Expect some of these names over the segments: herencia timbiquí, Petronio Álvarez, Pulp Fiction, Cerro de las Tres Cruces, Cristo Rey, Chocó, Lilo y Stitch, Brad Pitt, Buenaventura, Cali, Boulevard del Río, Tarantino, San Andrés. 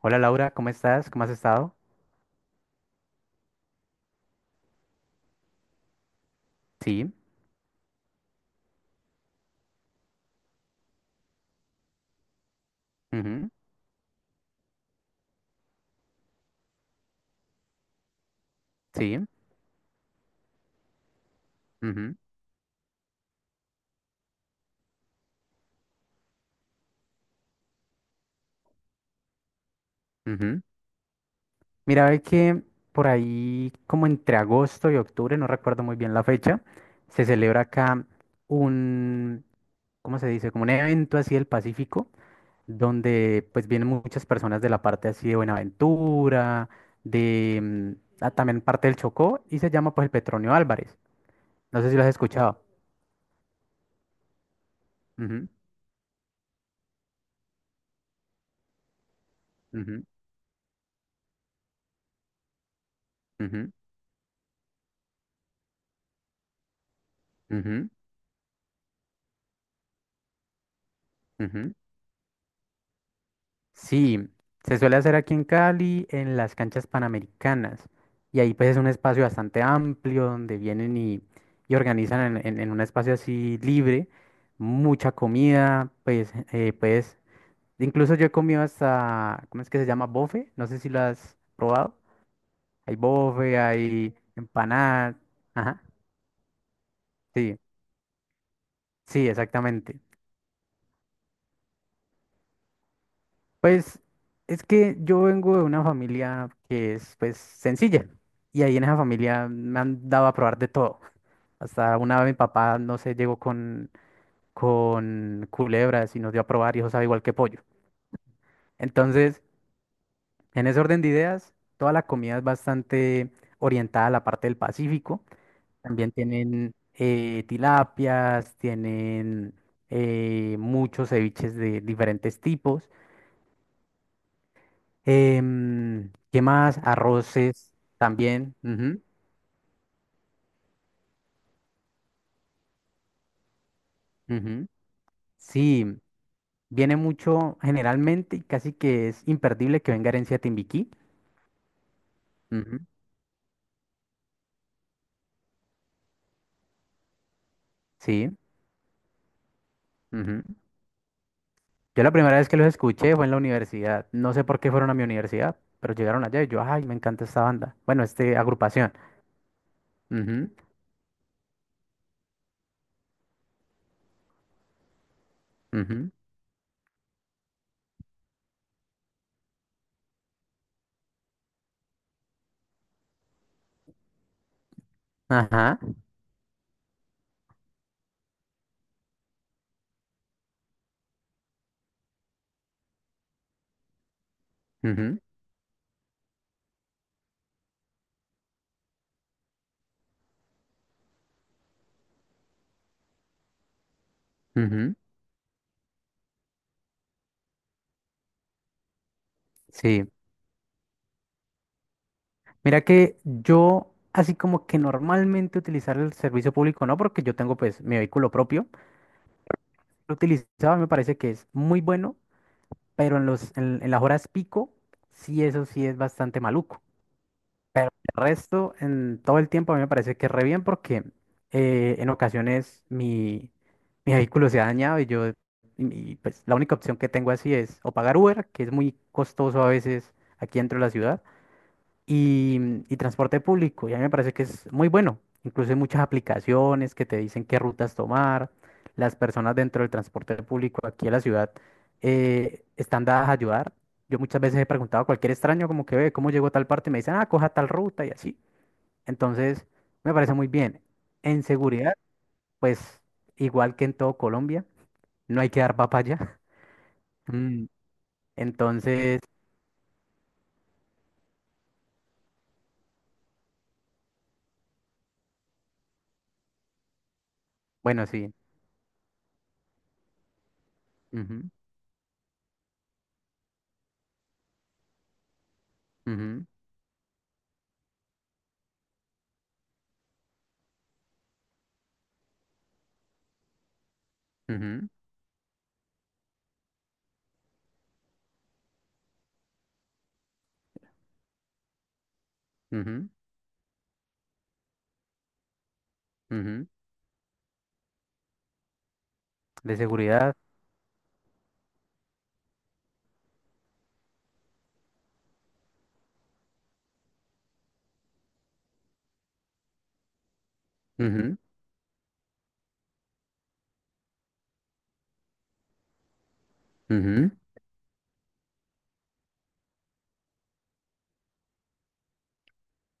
Hola Laura, ¿cómo estás? ¿Cómo has estado? Sí, ujú, sí, ujú, ujú. Mira, ve que por ahí, como entre agosto y octubre, no recuerdo muy bien la fecha, se celebra acá un, ¿cómo se dice? Como un evento así del Pacífico, donde pues vienen muchas personas de la parte así de Buenaventura, de mm, ah, también parte del Chocó, y se llama pues el Petronio Álvarez. No sé si lo has escuchado. Ujú, ujú, ujú, ujú, ujú. Sí, se suele hacer aquí en Cali, en las canchas panamericanas. Y ahí pues es un espacio bastante amplio donde vienen y organizan en un espacio así libre, mucha comida. Incluso yo he comido hasta, ¿cómo es que se llama? Bofe, no sé si lo has probado. Hay bofe, hay empanada, ajá, sí, sí, exactamente. Pues es que yo vengo de una familia que es pues sencilla y ahí en esa familia me han dado a probar de todo. Hasta una vez mi papá, no sé, llegó con culebras y nos dio a probar y eso sabe igual que pollo. Entonces, en ese orden de ideas, toda la comida es bastante orientada a la parte del Pacífico. También tienen tilapias, tienen muchos ceviches de diferentes tipos. ¿Qué más? Arroces también. Ujú, ujú. Sí, viene mucho generalmente y casi que es imperdible que venga herencia timbiquí. Ujú, sí. Ujú. Yo la primera vez que los escuché fue en la universidad. No sé por qué fueron a mi universidad, pero llegaron allá y yo, ay, me encanta esta banda. Bueno, este agrupación. Ujú, ujú, ajá. Ujú, ujú, sí. Mira que yo, así como que normalmente utilizar el servicio público, no, porque yo tengo pues mi vehículo propio. Utilizado, me parece que es muy bueno, pero en las horas pico, sí, eso sí es bastante maluco. Pero el resto, en todo el tiempo, a mí me parece que re bien porque en ocasiones mi vehículo se ha dañado y yo, pues la única opción que tengo así es o pagar Uber, que es muy costoso a veces aquí dentro de la ciudad y y transporte público. Y a mí me parece que es muy bueno. Incluso hay muchas aplicaciones que te dicen qué rutas tomar. Las personas dentro del transporte público aquí en la ciudad están dadas a ayudar. Yo muchas veces he preguntado a cualquier extraño como que ve cómo llegó a tal parte y me dicen, ah, coja tal ruta y así. Entonces, me parece muy bien. En seguridad, pues igual que en todo Colombia, no hay que dar papaya. Mm, Entonces, bueno, sí. Ujú, ujú, ujú, ujú, ujú. De seguridad. Ujú, ujú.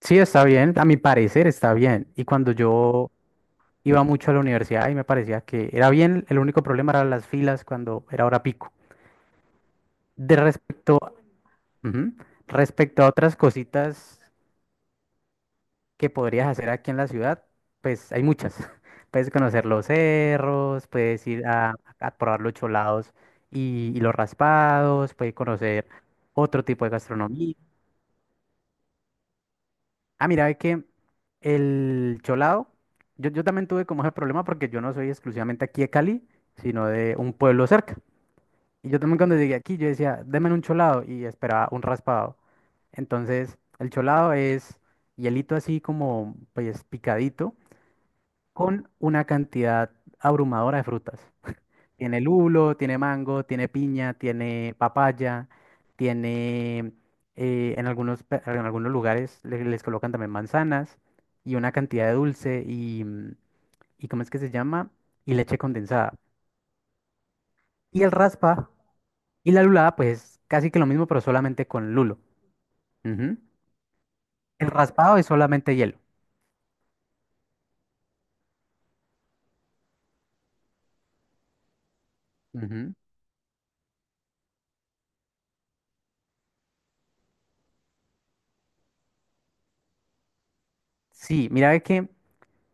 Sí, está bien, a mi parecer está bien. Y cuando yo iba mucho a la universidad y me parecía que era bien, el único problema eran las filas cuando era hora pico. De respecto, ujú, respecto a otras cositas que podrías hacer aquí en la ciudad, pues hay muchas. Puedes conocer los cerros, puedes ir a probar los cholados y los raspados, puedes conocer otro tipo de gastronomía. Ah, mira, es que el cholado, yo también tuve como ese problema porque yo no soy exclusivamente aquí de Cali, sino de un pueblo cerca. Y yo también cuando llegué aquí, yo decía, denme un cholado y esperaba un raspado. Entonces, el cholado es hielito así como, pues, picadito, con una cantidad abrumadora de frutas. Tiene lulo, tiene mango, tiene piña, tiene papaya, tiene en algunos, en algunos lugares les colocan también manzanas y una cantidad de dulce, y ¿cómo es que se llama? Y leche condensada. Y el raspa y la lulada, pues casi que lo mismo, pero solamente con lulo. Ujú. El raspado es solamente hielo. Ujú. Sí, mira ve que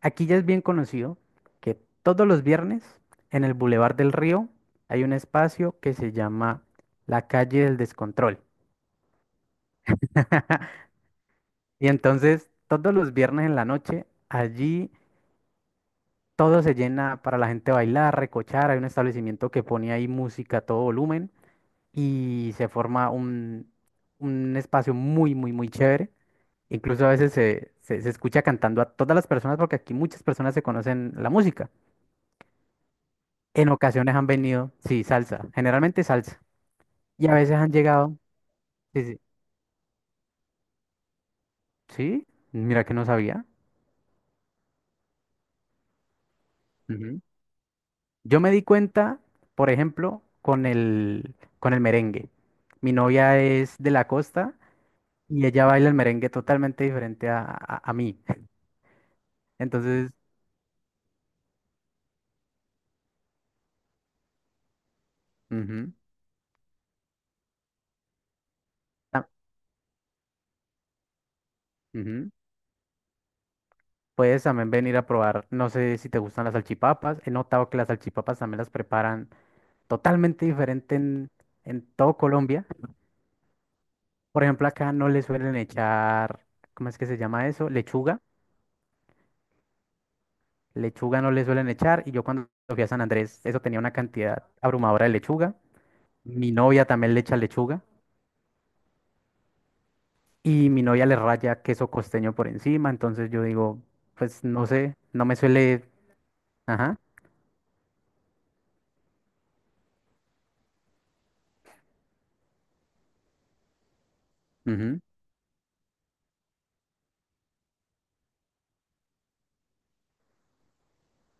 aquí ya es bien conocido que todos los viernes en el Boulevard del Río hay un espacio que se llama la calle del descontrol. Y entonces todos los viernes en la noche allí todo se llena para la gente bailar, recochar. Hay un establecimiento que pone ahí música a todo volumen y se forma un espacio muy, muy, muy chévere. Incluso a veces se escucha cantando a todas las personas porque aquí muchas personas se conocen la música. En ocasiones han venido, sí, salsa, generalmente salsa. Y a veces han llegado, sí, sí, sí, mira que no sabía. Ujú. Yo me di cuenta, por ejemplo, con el merengue. Mi novia es de la costa y ella baila el merengue totalmente diferente a mí. Entonces, ujú, ta- ujú, puedes también venir a probar, no sé si te gustan las salchipapas. He notado que las salchipapas también las preparan totalmente diferente en todo Colombia. Por ejemplo, acá no le suelen echar, ¿cómo es que se llama eso? Lechuga. Lechuga no le suelen echar. Y yo cuando fui a San Andrés, eso tenía una cantidad abrumadora de lechuga. Mi novia también le echa lechuga. Y mi novia le raya queso costeño por encima. Entonces yo digo, pues no sé, no me suele... Ajá. Ujú,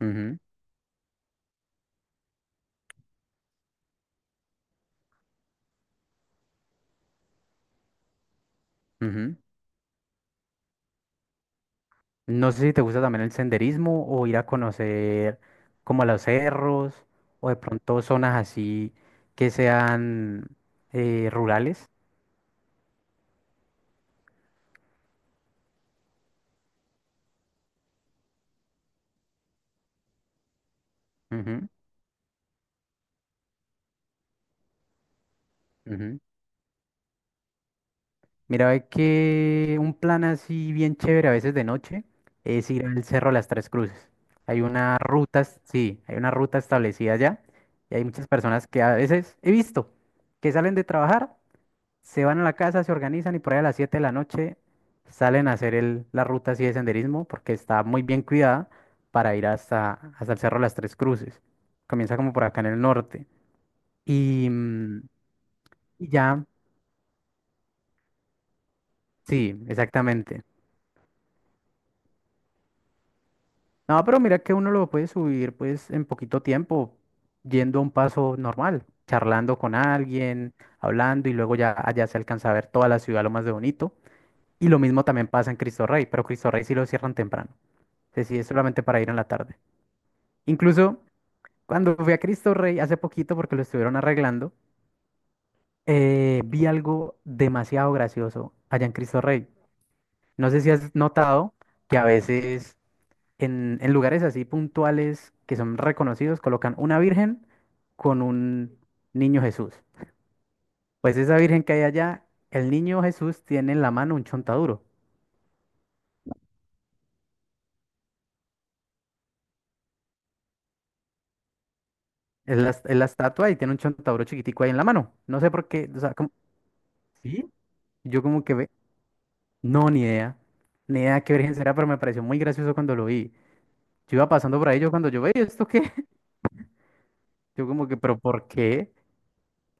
ujú, ujú. No sé si te gusta también el senderismo o ir a conocer como los cerros o de pronto zonas así que sean rurales. Ujú. Ujú. Mira, ve que un plan así bien chévere a veces de noche es ir al Cerro de las Tres Cruces. Hay una ruta, sí, hay una ruta establecida ya y hay muchas personas que a veces he visto que salen de trabajar, se van a la casa, se organizan y por ahí a las 7 de la noche salen a hacer la ruta así de senderismo porque está muy bien cuidada para ir hasta el Cerro de las Tres Cruces. Comienza como por acá en el norte y, mm, y ya, sí, exactamente. No, pero mira que uno lo puede subir pues en poquito tiempo, yendo a un paso normal, charlando con alguien, hablando y luego ya allá se alcanza a ver toda la ciudad lo más de bonito. Y lo mismo también pasa en Cristo Rey, pero Cristo Rey sí lo cierran temprano. Es decir, es solamente para ir en la tarde. Incluso cuando fui a Cristo Rey hace poquito porque lo estuvieron arreglando, vi algo demasiado gracioso allá en Cristo Rey. No sé si has notado que a veces en lugares así puntuales que son reconocidos, colocan una virgen con un niño Jesús. Pues esa virgen que hay allá, el niño Jesús tiene en la mano un chontaduro. Es la estatua y tiene un chontaduro chiquitico ahí en la mano. No sé por qué, o sea, como... ¿Sí? Yo como que ve, no, ni idea qué virgen será, pero me pareció muy gracioso cuando lo vi. Yo iba pasando por ahí, yo cuando yo veía esto qué, yo como que, pero ¿por qué?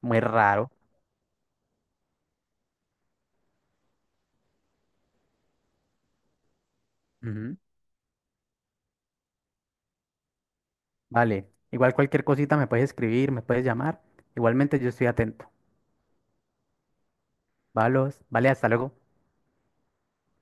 Muy raro. Vale, igual cualquier cosita me puedes escribir, me puedes llamar. Igualmente yo estoy atento. Valos, vale, hasta luego.